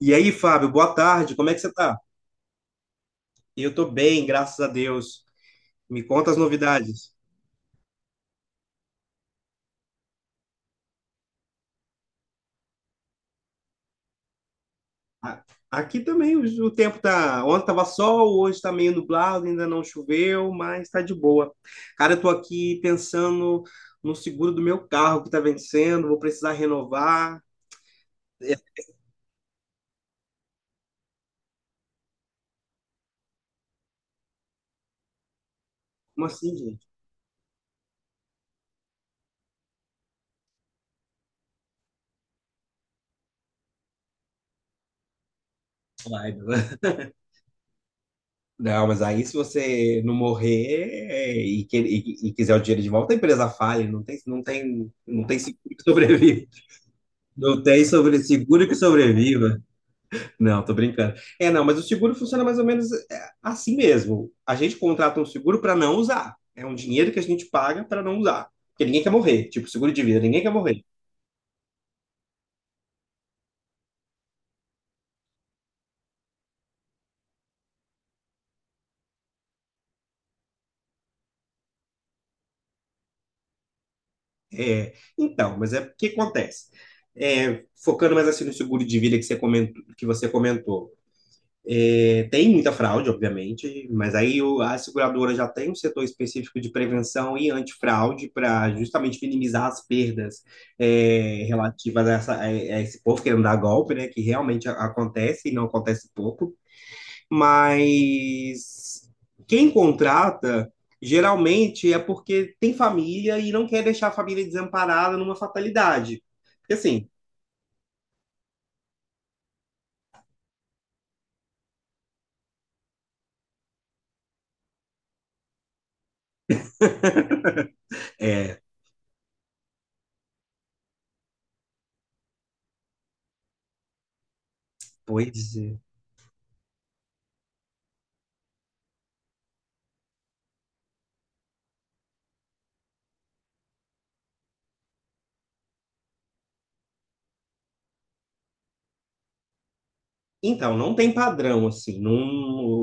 E aí, Fábio, boa tarde, como é que você tá? Eu tô bem, graças a Deus. Me conta as novidades. A- Aqui também o tempo tá. Ontem tava sol, hoje tá meio nublado, ainda não choveu, mas tá de boa. Cara, eu tô aqui pensando no seguro do meu carro que tá vencendo, vou precisar renovar. É, como assim, gente? Vai, né? Não, mas aí se você não morrer e quiser o dinheiro de volta, a empresa fale, não tem seguro que sobrevive. Não tem sobre seguro que sobreviva. Não, tô brincando. Não, mas o seguro funciona mais ou menos assim mesmo. A gente contrata um seguro para não usar. É um dinheiro que a gente paga para não usar. Porque ninguém quer morrer. Tipo, seguro de vida, ninguém quer morrer. É, então, mas é o que acontece. É, focando mais assim no seguro de vida que você comentou, que você comentou. É, tem muita fraude, obviamente, mas a seguradora já tem um setor específico de prevenção e antifraude para justamente minimizar as perdas, relativas a, a esse povo querendo dar golpe, né? Que realmente acontece e não acontece pouco. Mas quem contrata geralmente é porque tem família e não quer deixar a família desamparada numa fatalidade. Porque assim, é, pois é. Então, não tem padrão, assim. Não,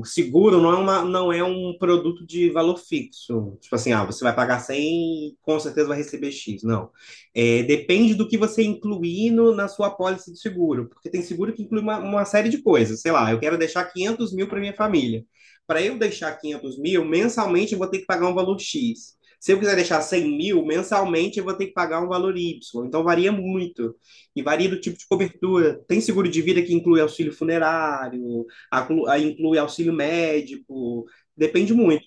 o seguro não é um produto de valor fixo. Tipo assim, ah, você vai pagar 100 e com certeza vai receber X. Não. É, depende do que você incluir na sua apólice de seguro. Porque tem seguro que inclui uma série de coisas. Sei lá, eu quero deixar 500 mil para minha família. Para eu deixar 500 mil, mensalmente eu vou ter que pagar um valor X. Se eu quiser deixar 100 mil, mensalmente eu vou ter que pagar um valor Y. Então, varia muito. E varia do tipo de cobertura. Tem seguro de vida que inclui auxílio funerário, inclui auxílio médico. Depende muito.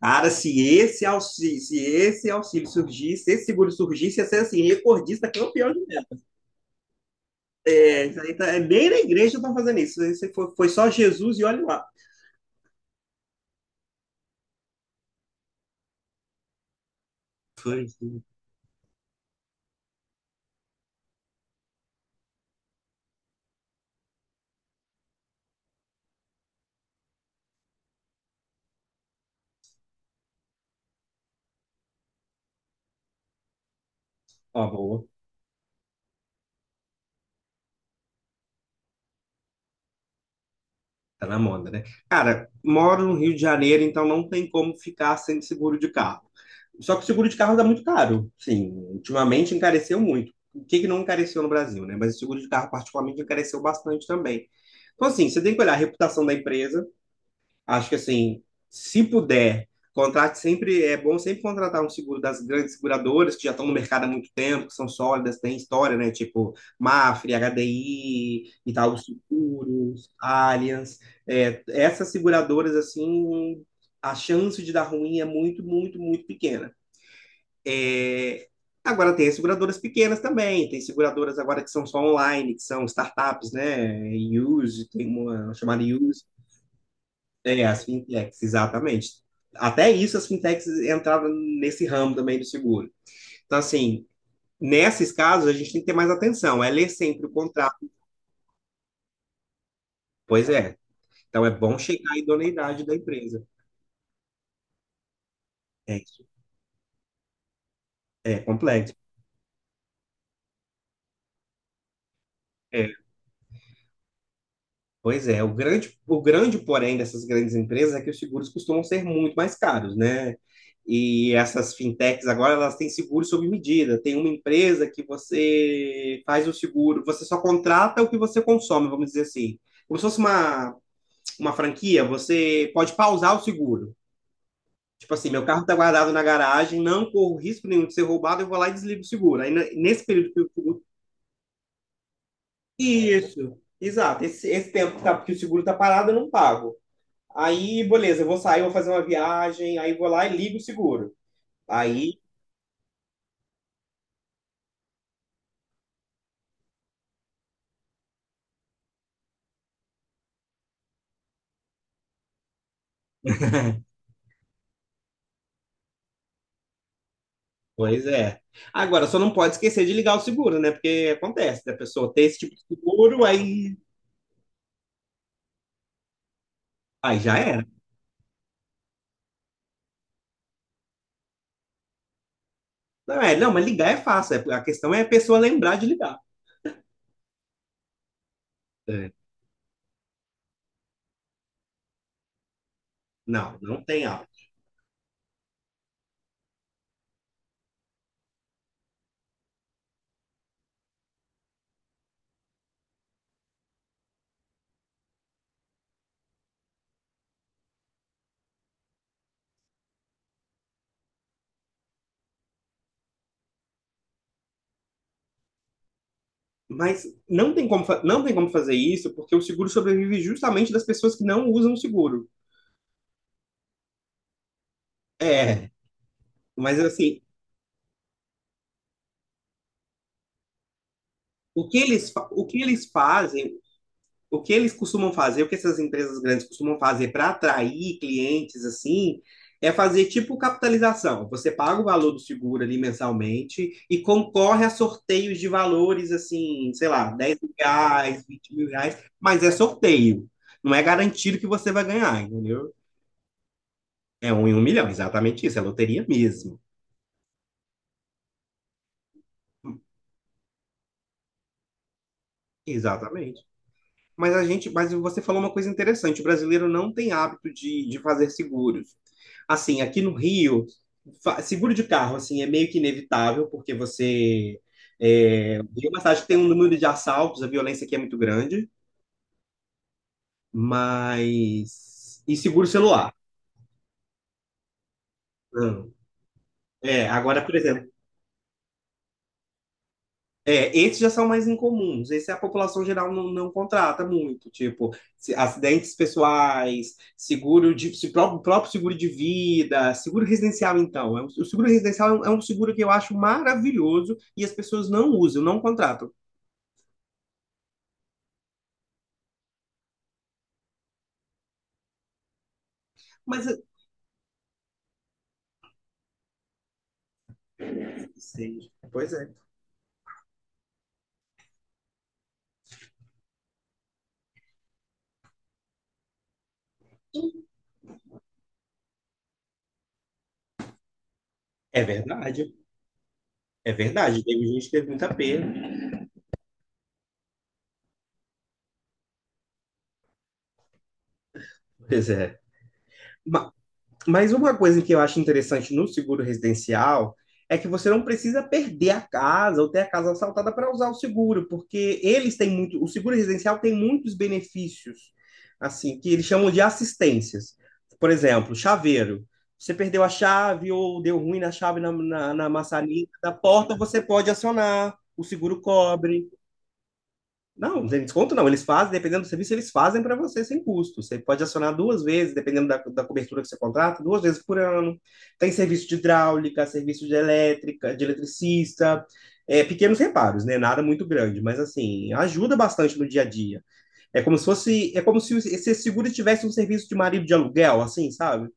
Cara, se esse auxílio surgisse, se esse seguro surgisse, ia ser assim, recordista, campeão de merda. É, isso aí nem na igreja estão fazendo isso. Isso aí foi só Jesus e olha lá. Foi. Sim. Ó, boa. Tá na moda, né? Cara, moro no Rio de Janeiro, então não tem como ficar sem seguro de carro. Só que o seguro de carro tá muito caro. Sim, ultimamente encareceu muito. O que que não encareceu no Brasil, né? Mas o seguro de carro, particularmente, encareceu bastante também. Então, assim, você tem que olhar a reputação da empresa. Acho que assim, se puder, contrate sempre, é bom sempre contratar um seguro das grandes seguradoras que já estão no mercado há muito tempo, que são sólidas, têm história, né? Tipo Mafre, HDI, Itaú Seguros, Allianz. É, essas seguradoras, assim, a chance de dar ruim é muito, muito, muito pequena. É, agora tem as seguradoras pequenas também, tem seguradoras agora que são só online, que são startups, né? Use, tem uma chamada Use, é, as fintechs, exatamente. Até isso, as fintechs entravam nesse ramo também do seguro. Então, assim, nesses casos, a gente tem que ter mais atenção, é ler sempre o contrato. Pois é. Então, é bom checar a idoneidade da empresa. É isso. É complexo. É. Pois é, o grande porém dessas grandes empresas é que os seguros costumam ser muito mais caros, né? E essas fintechs agora elas têm seguro sob medida. Tem uma empresa que você faz o seguro, você só contrata o que você consome, vamos dizer assim. Como se fosse uma franquia, você pode pausar o seguro. Tipo assim, meu carro está guardado na garagem, não corro risco nenhum de ser roubado, eu vou lá e desligo o seguro. Nesse período que o seguro. Isso, exato. Esse tempo que o seguro está parado, eu não pago. Aí, beleza, eu vou sair, vou fazer uma viagem, aí vou lá e ligo o seguro. Aí, pois é. Agora, só não pode esquecer de ligar o seguro, né? Porque acontece da pessoa ter esse tipo de seguro, aí, aí já era. Não, mas ligar é fácil. A questão é a pessoa lembrar de ligar. É. Não, não tem áudio. Mas não tem como, não tem como fazer isso, porque o seguro sobrevive justamente das pessoas que não usam o seguro. É, mas assim, o que eles fazem, o que eles costumam fazer, o que essas empresas grandes costumam fazer para atrair clientes assim, é fazer tipo capitalização. Você paga o valor do seguro ali mensalmente e concorre a sorteios de valores assim, sei lá, 10 mil reais, 20 mil reais, mas é sorteio. Não é garantido que você vai ganhar, entendeu? É um em um milhão, exatamente isso, é loteria mesmo. Exatamente. Mas você falou uma coisa interessante, o brasileiro não tem hábito de fazer seguros. Assim, aqui no Rio, seguro de carro, assim, é meio que inevitável, porque você... É, tem uma cidade que tem um número de assaltos, a violência aqui é muito grande, mas... E seguro celular. Não. É, agora, por exemplo, é, esses já são mais incomuns. Esse a população geral não contrata muito, tipo acidentes pessoais, seguro de se, pró- próprio seguro de vida, seguro residencial. Então, é o seguro residencial é um seguro que eu acho maravilhoso e as pessoas não usam, não contratam. Mas eu- Sei, pois é, é verdade, é verdade. Teve gente que teve muita perda. Pois é. Ma- Mas uma coisa que eu acho interessante no seguro residencial é que você não precisa perder a casa ou ter a casa assaltada para usar o seguro, porque eles têm muito, o seguro residencial tem muitos benefícios, assim, que eles chamam de assistências. Por exemplo, chaveiro. Você perdeu a chave ou deu ruim na chave na maçaneta da porta, você pode acionar, o seguro cobre. Não, sem desconto não. Eles fazem, dependendo do serviço, eles fazem para você sem custo. Você pode acionar duas vezes, dependendo da cobertura que você contrata, duas vezes por ano. Tem serviço de hidráulica, serviço de elétrica, de eletricista, é, pequenos reparos, né? Nada muito grande, mas assim, ajuda bastante no dia a dia. É como se fosse, é como se esse seguro tivesse um serviço de marido de aluguel, assim, sabe?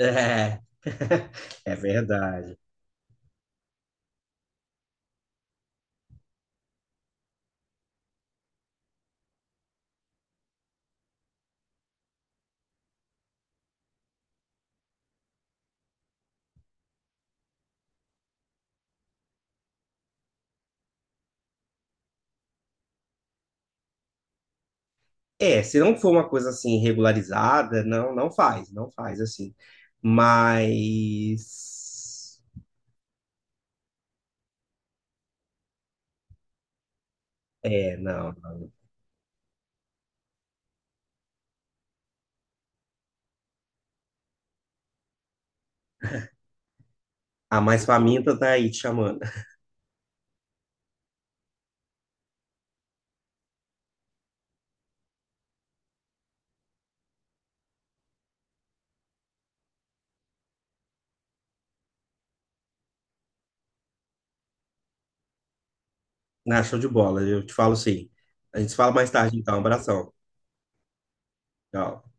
É, é verdade. É, se não for uma coisa assim regularizada, não, não faz, não faz assim. Mas é, não. A mais faminta tá aí te chamando. Na show de bola, eu te falo sim. A gente se fala mais tarde, então. Um abração. Tchau.